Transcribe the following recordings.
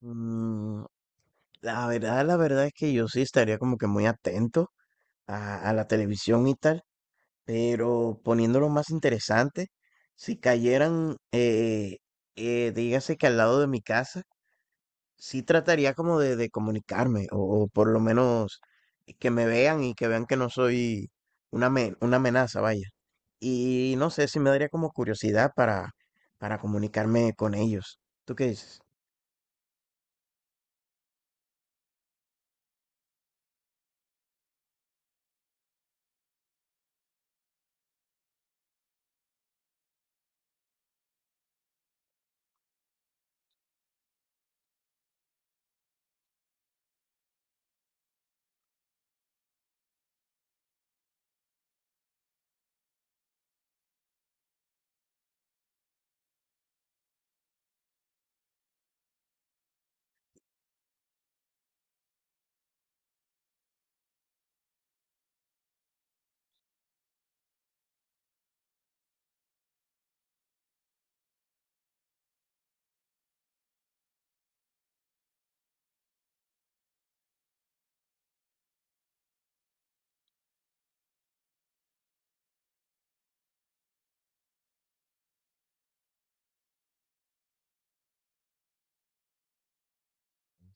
Mm, la verdad, la verdad es que yo sí estaría como que muy atento a la televisión y tal, pero poniéndolo más interesante, si cayeran, dígase que al lado de mi casa, sí trataría como de comunicarme o por lo menos que me vean y que vean que no soy una amenaza, vaya. Y no sé si me daría como curiosidad para comunicarme con ellos. ¿Tú qué dices?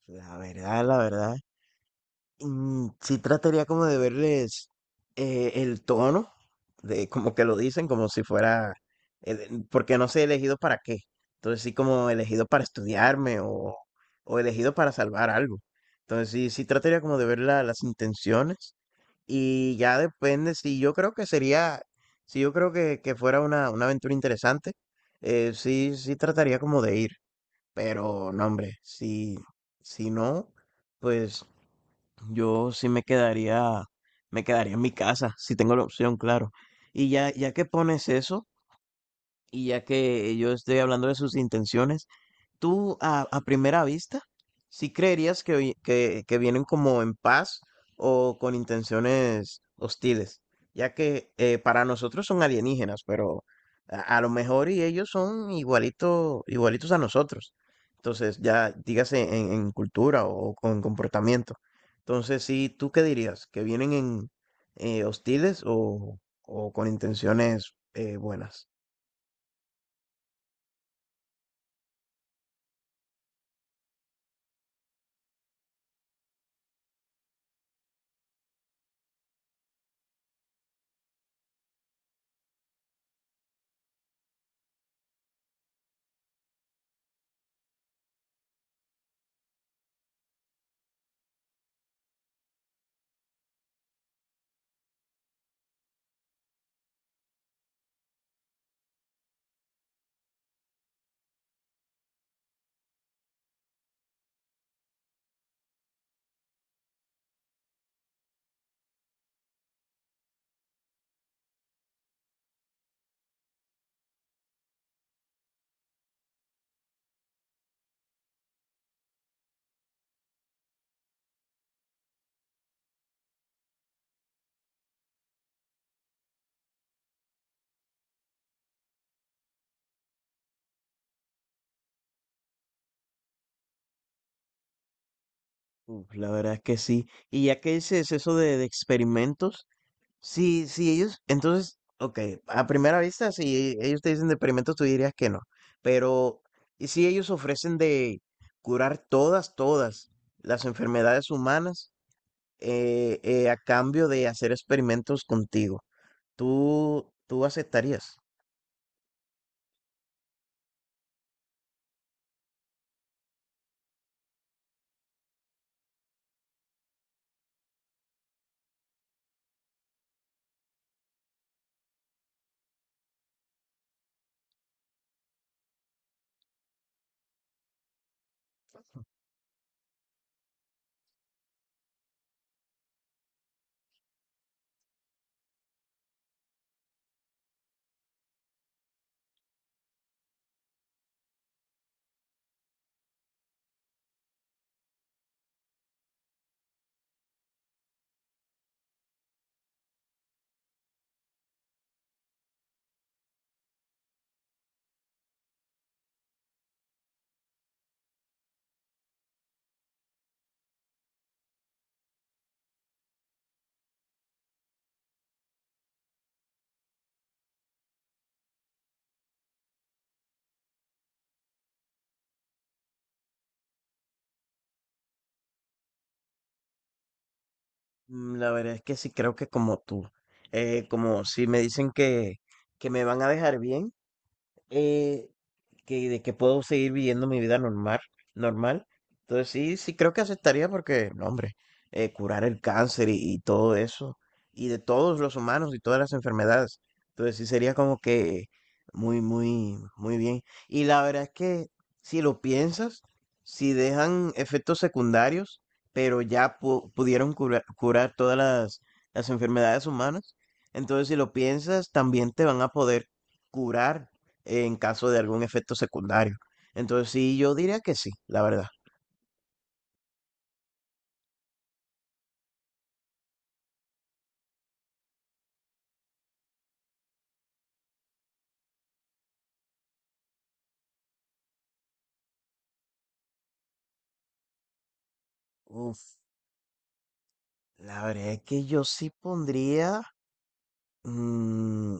La verdad, la verdad. Sí trataría como de verles el tono, de como que lo dicen, como si fuera, porque no sé elegido para qué. Entonces sí como elegido para estudiarme o elegido para salvar algo. Entonces sí, sí trataría como de ver las intenciones y ya depende si yo creo que sería, si yo creo que fuera una aventura interesante, sí, sí trataría como de ir. Pero no, hombre, si, si no, pues... Yo sí me quedaría en mi casa, si tengo la opción, claro. Y ya, ya que pones eso, y ya que yo estoy hablando de sus intenciones, tú a primera vista, si creerías que, vi- que vienen como en paz o con intenciones hostiles, ya que para nosotros son alienígenas, pero a lo mejor y ellos son igualitos a nosotros. Entonces, ya dígase en cultura o, con comportamiento. Entonces, sí, ¿tú qué dirías? ¿Que vienen en hostiles o con intenciones buenas? Uf, la verdad es que sí. Y ya que dices eso de experimentos, sí, sí, ellos, entonces, ok, a primera vista, si ellos te dicen de experimentos, tú dirías que no. Pero, ¿y si ellos ofrecen de curar todas, todas las enfermedades humanas a cambio de hacer experimentos contigo? ¿Tú, tú aceptarías? La verdad es que sí, creo que como tú, como si me dicen que me van a dejar bien. eh, que, de que puedo seguir viviendo mi vida normal, normal. Entonces sí, sí creo que aceptaría porque, no, hombre, curar el cáncer y todo eso, y de todos los humanos y todas las enfermedades. Entonces sí sería como que muy, muy, muy bien. Y la verdad es que si lo piensas, si dejan efectos secundarios, pero ya pudieron curar todas las enfermedades humanas, entonces si lo piensas, también te van a poder curar en caso de algún efecto secundario. Entonces sí, yo diría que sí, la verdad. Uf, la verdad es que yo sí pondría, mm,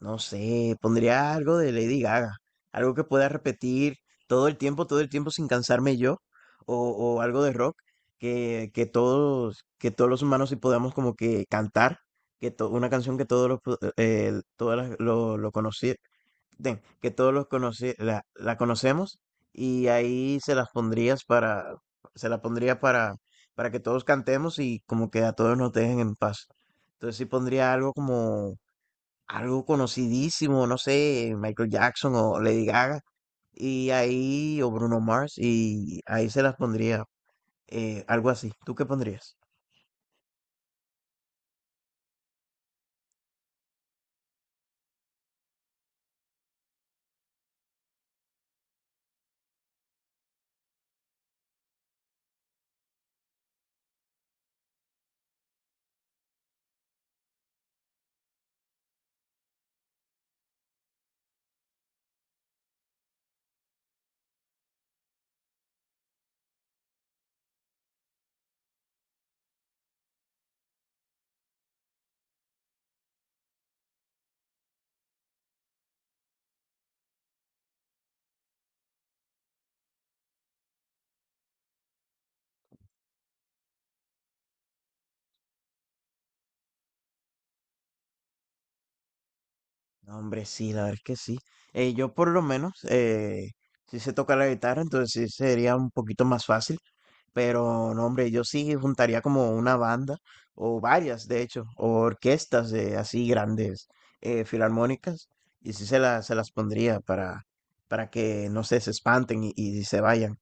no sé, pondría algo de Lady Gaga, algo que pueda repetir todo el tiempo sin cansarme yo, o, o algo de rock que todos los humanos sí podamos como que cantar, una canción que todos los, pu- todas las- lo, conoci- de- que todos los conoce, la conocemos y ahí se las pondrías para, se la pondría para que todos cantemos y como que a todos nos dejen en paz. Entonces sí pondría algo como algo conocidísimo, no sé, Michael Jackson o Lady Gaga y ahí o Bruno Mars y ahí se las pondría algo así. ¿Tú qué pondrías? No, hombre, sí, la verdad es que sí. Yo por lo menos sí sé tocar la guitarra, entonces sí sería un poquito más fácil. Pero no, hombre, yo sí juntaría como una banda, o varias, de hecho, o orquestas de así grandes filarmónicas, y se las pondría para que, no sé, se espanten y se vayan.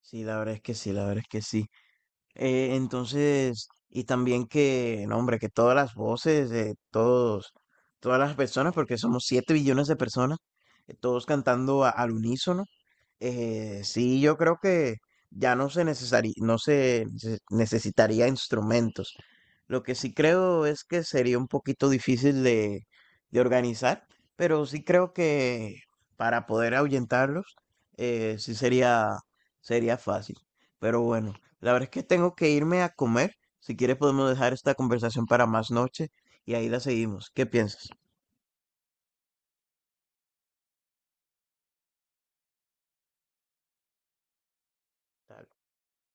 Sí, la verdad es que sí, la verdad es que sí. Entonces, y también que, no, hombre, que todas las voces de todos, todas las personas, porque somos 7 billones de personas, todos cantando al unísono. Sí, yo creo que ya no se necesari- no se nece- necesitaría instrumentos. Lo que sí creo es que sería un poquito difícil de organizar, pero sí creo que para poder ahuyentarlos, sí sería, sería fácil. Pero bueno. La verdad es que tengo que irme a comer. Si quieres podemos dejar esta conversación para más noche y ahí la seguimos. ¿Qué piensas?